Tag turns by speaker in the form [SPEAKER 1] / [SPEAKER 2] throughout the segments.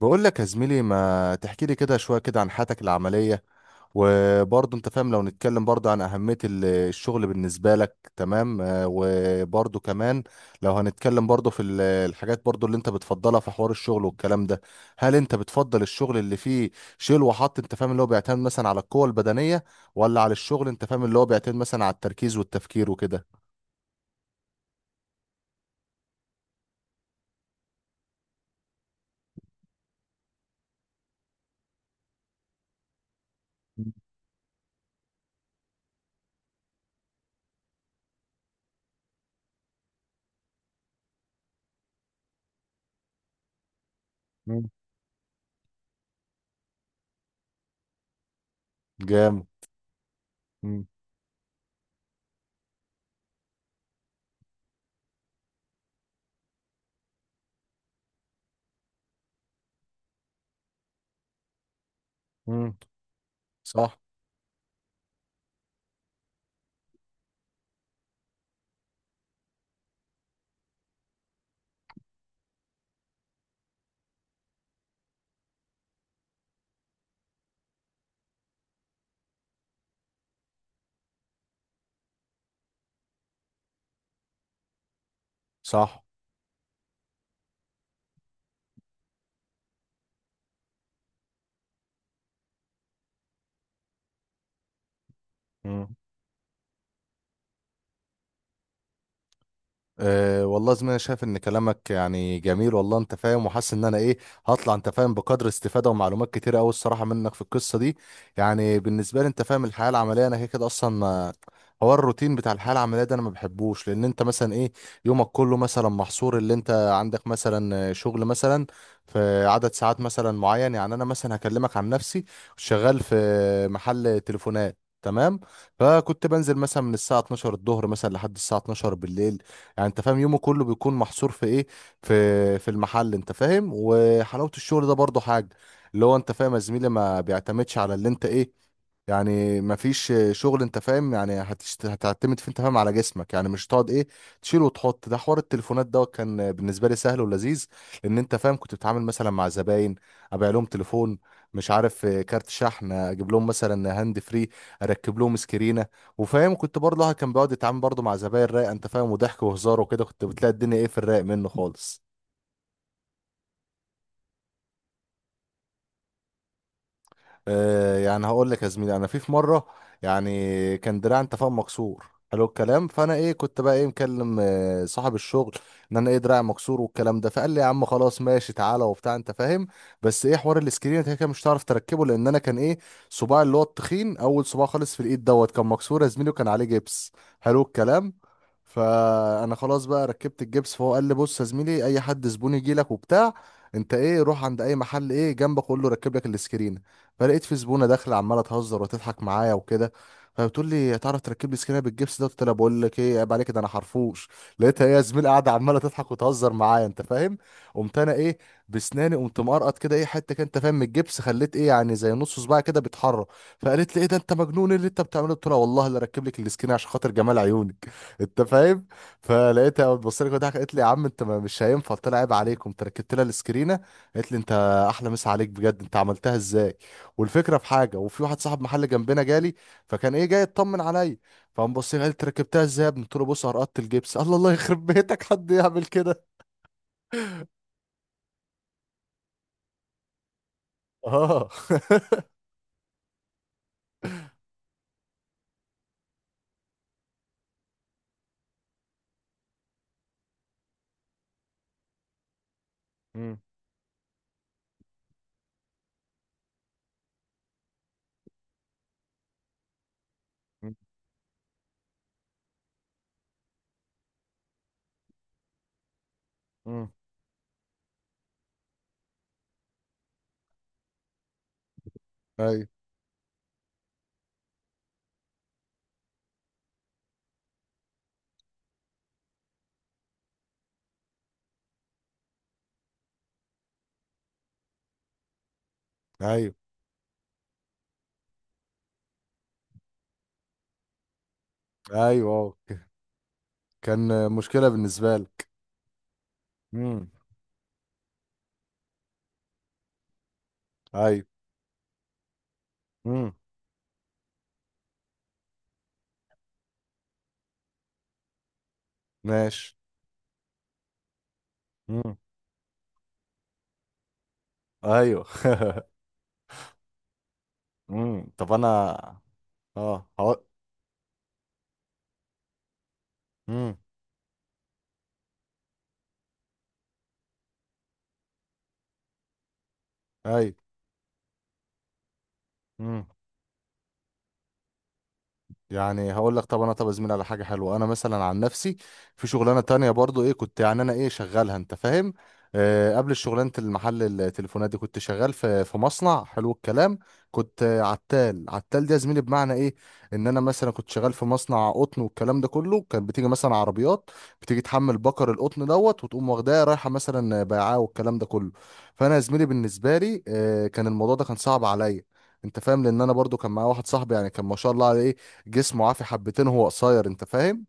[SPEAKER 1] بقول لك يا زميلي ما تحكي لي كده شوية كده عن حياتك العملية. وبرضه انت فاهم لو نتكلم برضه عن أهمية الشغل بالنسبة لك، تمام، وبرضه كمان لو هنتكلم برضه في الحاجات برضه اللي انت بتفضلها في حوار الشغل والكلام ده. هل انت بتفضل الشغل اللي فيه شيل وحط، انت فاهم، اللي هو بيعتمد مثلا على القوة البدنية، ولا على الشغل انت فاهم اللي هو بيعتمد مثلا على التركيز والتفكير وكده؟ مم. جامد. مم. مم. صح. صح. مم. أه والله، زي ما انا شايف ان كلامك يعني جميل والله، انت فاهم، وحاسس ان انا ايه، هطلع انت فاهم بقدر استفاده ومعلومات كتيره قوي الصراحه منك في القصه دي. يعني بالنسبه لي، انت فاهم، الحياه العمليه انا كده كده اصلا ما، هو الروتين بتاع الحياه العمليه ده انا ما بحبوش، لان انت مثلا ايه، يومك كله مثلا محصور، اللي انت عندك مثلا شغل مثلا في عدد ساعات مثلا معين. يعني انا مثلا هكلمك عن نفسي، شغال في محل تليفونات، تمام؟ فكنت بنزل مثلا من الساعه 12 الظهر مثلا لحد الساعه 12 بالليل. يعني انت فاهم يومه كله بيكون محصور في ايه، في المحل، انت فاهم. وحلاوة الشغل ده برضو حاجة، اللي هو انت فاهم يا زميلي ما بيعتمدش على اللي انت ايه، يعني ما فيش شغل انت فاهم يعني هتعتمد فيه انت فاهم على جسمك، يعني مش تقعد ايه، تشيل وتحط. ده حوار التليفونات دوت كان بالنسبه لي سهل ولذيذ، لان انت فاهم كنت بتتعامل مثلا مع زباين، ابيع لهم تليفون، مش عارف، كارت شحن، اجيب لهم مثلا هاند فري، اركب لهم سكرينه. وفاهم كنت برضه الواحد كان بيقعد يتعامل برضه مع زباين رايقه، انت فاهم، وضحك وهزار وكده. كنت بتلاقي الدنيا ايه، في الرايق منه خالص. يعني هقول لك يا زميلي، انا في مره يعني كان دراعي انت فاهم مكسور، حلو الكلام. فانا ايه كنت بقى ايه مكلم صاحب الشغل ان انا ايه دراعي مكسور والكلام ده. فقال لي يا عم، خلاص ماشي، تعالى وبتاع، انت فاهم، بس ايه، حوار الاسكرين انت كده كده مش هتعرف تركبه، لان انا كان ايه، صباعي اللي هو التخين، اول صباع خالص في الايد دوت كان مكسور يا زميلي وكان عليه جبس، حلو الكلام. فانا خلاص بقى ركبت الجبس، فهو قال لي بص يا زميلي، اي حد زبون يجي لك وبتاع، انت ايه، روح عند اي محل ايه جنبك، قول له ركب لك الاسكرين. فلقيت في زبونه داخله عماله تهزر وتضحك معايا وكده، فبتقول لي هتعرف تركب لي سكينه بالجبس ده؟ قلت لها بقول لك ايه، عيب عليك، ده انا حرفوش. لقيتها هي زميل قاعده عماله تضحك وتهزر معايا، انت فاهم. قمت انا ايه، بسناني قمت مقرقط كده ايه حته كده، انت فاهم، من الجبس، خليت ايه يعني زي نص صباعي كده بيتحرك. فقالت لي ايه ده، انت مجنون؟ إيه اللي انت بتعمله؟ قلت لها والله اللي اركب لك السكينه عشان خاطر جمال عيونك، انت فاهم. فلقيتها بتبص لي كده، ضحكت، قالت لي يا عم انت مش هينفع. قلت لها عيب عليكم، انت ركبت لها السكرينه. قالت لي انت احلى مسا عليك بجد، انت عملتها ازاي؟ والفكره في حاجه، وفي واحد صاحب محل جنبنا جالي، فكان ايه جاي يطمن عليا، فقام بص لي قال لي، "أنت ركبتها ازاي يا ابني؟" قلت له بص، قرقطت الجبس. الله، الله يخرب بيتك، حد يعمل كده؟ اه مم. مم. مم. ايوه. ايوه. ايوه. آه. كان مشكله بالنسبه لك. مم. ايوه. مم. ماشي. مم. ايوه مم. طب انا. اه هقول. مم. ايوه. مم. يعني هقول لك، طب انا، طب يا زميلي على حاجه حلوه، انا مثلا عن نفسي، في شغلانه تانية برضو ايه كنت، يعني انا ايه شغالها انت فاهم، آه قبل شغلانه المحل التليفونات دي كنت شغال في مصنع، حلو الكلام. كنت عتال. عتال دي يا زميلي بمعنى ايه، ان انا مثلا كنت شغال في مصنع قطن والكلام ده كله. كان بتيجي مثلا عربيات، بتيجي تحمل بكر القطن دوت، وتقوم واخداه رايحه مثلا بيعاه والكلام ده كله. فانا يا زميلي بالنسبه لي آه كان الموضوع ده كان صعب عليا، انت فاهم، لان انا برضو كان معايا واحد صاحبي، يعني كان ما شاء الله عليه جسمه عافي حبتين، هو قصير، انت فاهم.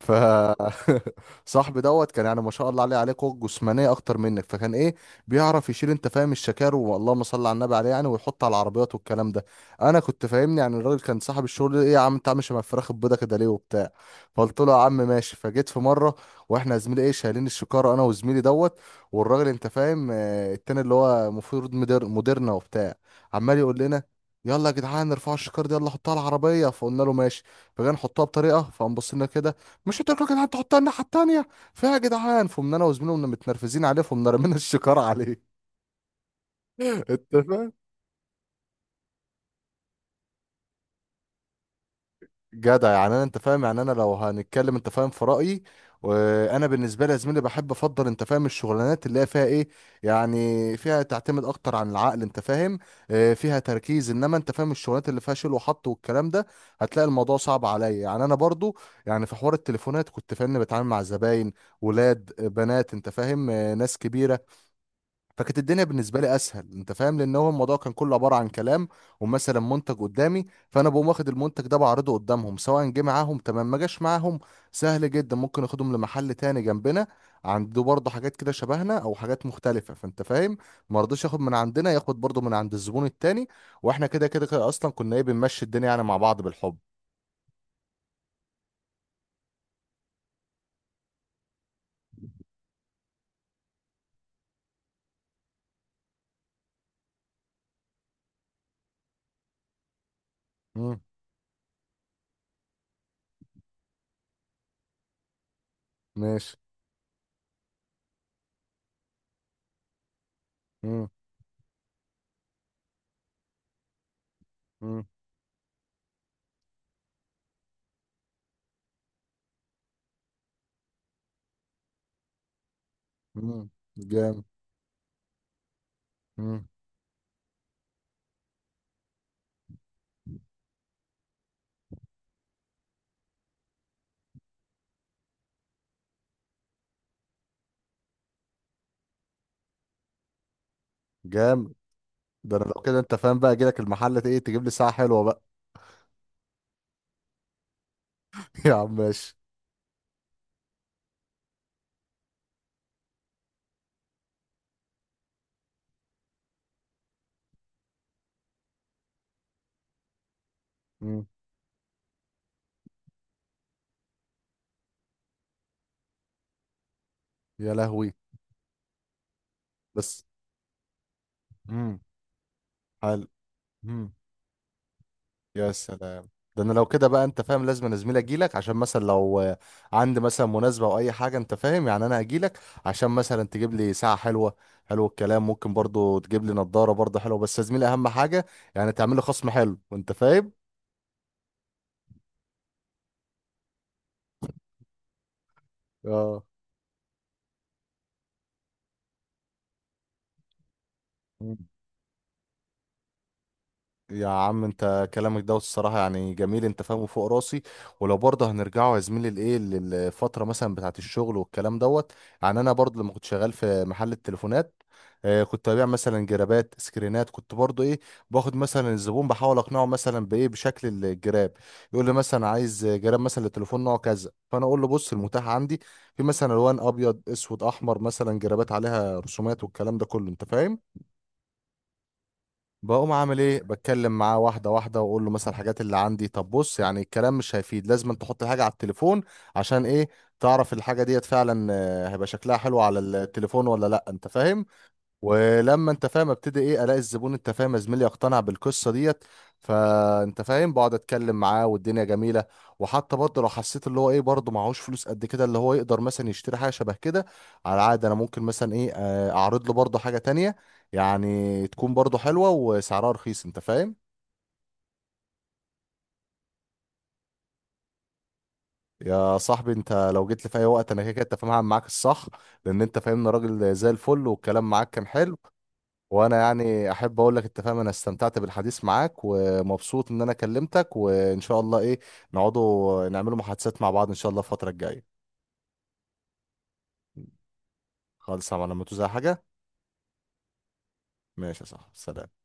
[SPEAKER 1] ف صاحبي دوت كان يعني ما شاء الله عليه، قوه جسمانيه اكتر منك. فكان ايه، بيعرف يشيل انت فاهم الشكار، واللهم صل على النبي عليه، يعني ويحط على العربيات والكلام ده. انا كنت فاهمني يعني الراجل كان صاحب الشغل ايه، يا عم انت عامل شبه الفراخ البيضه كده ليه وبتاع؟ فقلت له يا عم ماشي. فجيت في مره، واحنا يا زميلي ايه شايلين الشكاره انا وزميلي دوت، والراجل انت فاهم، التاني اللي هو المفروض مدير، مديرنا وبتاع، عمال يقول لنا يلا يا جدعان ارفعوا الشكار دي، يلا حطها على العربيه. فقلنا له ماشي. فجاي نحطها بطريقه، فقام بص لنا كده، مش قلت لكم يا جدعان تحطها الناحيه التانيه فيها يا جدعان؟ فقمنا انا وزميلي قمنا متنرفزين عليه، فقمنا رمينا الشكار عليه انت فاهم. جدع، يعني انا انت فاهم، يعني انا لو هنتكلم انت فاهم في رايي، وانا بالنسبه لي يا زميلي بحب افضل، انت فاهم، الشغلانات اللي هي فيها ايه، يعني فيها تعتمد اكتر عن العقل، انت فاهم، فيها تركيز. انما انت فاهم الشغلانات اللي فيها شيل وحط والكلام ده، هتلاقي الموضوع صعب عليا. يعني انا برضو يعني في حوار التليفونات كنت فاهمني بتعامل مع زباين ولاد، بنات، انت فاهم، ناس كبيره. فكانت الدنيا بالنسبه لي اسهل، انت فاهم، لان هو الموضوع كان كله عباره عن كلام ومثلا منتج قدامي، فانا بقوم واخد المنتج ده بعرضه قدامهم، سواء جه معاهم تمام ما جاش معاهم، سهل جدا. ممكن اخدهم لمحل تاني جنبنا عنده برضه حاجات كده شبهنا او حاجات مختلفه، فانت فاهم ما رضيش ياخد من عندنا، ياخد برضه من عند الزبون التاني، واحنا كده كده اصلا كنا ايه بنمشي الدنيا يعني مع بعض بالحب. امم. ماشي. امم. امم. امم. جامد. امم. جامد، ده انا لو كده انت فاهم بقى اجي لك المحل، ايه، تجيب لي ساعه حلوه بقى. يا عم ماشي. مم. يا لهوي. بس. مم. حلو. مم. يا سلام، ده انا لو كده بقى انت فاهم لازم انا زميلي اجي لك، عشان مثلا لو عندي مثلا مناسبه او اي حاجه، انت فاهم، يعني انا هجي لك عشان مثلا تجيب لي ساعه حلوه، حلو الكلام. ممكن برضو تجيب لي نظاره برضو حلوه، بس يا زميلي اهم حاجه يعني تعمل لي خصم حلو، انت فاهم. اه يا عم انت كلامك دوت الصراحة يعني جميل، انت فاهمه فوق راسي. ولو برضه هنرجعه يا زميلي لايه، للفترة مثلا بتاعة الشغل والكلام دوت، يعني انا برضه لما كنت شغال في محل التليفونات، اه كنت ببيع مثلا جرابات سكرينات، كنت برضه ايه، باخد مثلا الزبون بحاول اقنعه مثلا بايه، بشكل الجراب. يقول لي مثلا عايز جراب مثلا للتليفون نوع كذا، فانا اقول له بص، المتاح عندي في مثلا الوان، ابيض اسود احمر، مثلا جرابات عليها رسومات والكلام ده كله انت فاهم. بقوم عامل ايه، بتكلم معاه واحده واحده، واقول له مثلا الحاجات اللي عندي، طب بص يعني الكلام مش هيفيد، لازم أن تحط الحاجه على التليفون، عشان ايه، تعرف الحاجه ديت فعلا هيبقى شكلها حلو على التليفون ولا لا، انت فاهم. ولما انت فاهم ابتدي ايه، الاقي الزبون انت فاهم يا زميلي يقتنع بالقصه ديت، فانت فاهم بقعد اتكلم معاه والدنيا جميله. وحتى برضه لو حسيت اللي هو ايه، برضه معهوش فلوس قد كده، اللي هو يقدر مثلا يشتري حاجه شبه كده، على عاد انا ممكن مثلا ايه، اعرض له برضه حاجه تانية، يعني تكون برضه حلوه وسعرها رخيص، انت فاهم. يا صاحبي انت لو جيت لي في اي وقت انا كده كده انت فاهم هعمل معاك الصح، لان انت فاهمني راجل زي الفل والكلام معاك كان حلو. وانا يعني احب اقول لك، انت فاهم، انا استمتعت بالحديث معاك ومبسوط ان انا كلمتك، وان شاء الله ايه، نقعدوا نعملوا محادثات مع بعض ان شاء الله الفترة الجاية. خالص على لما توزع حاجة. ماشي يا صاحبي، سلام.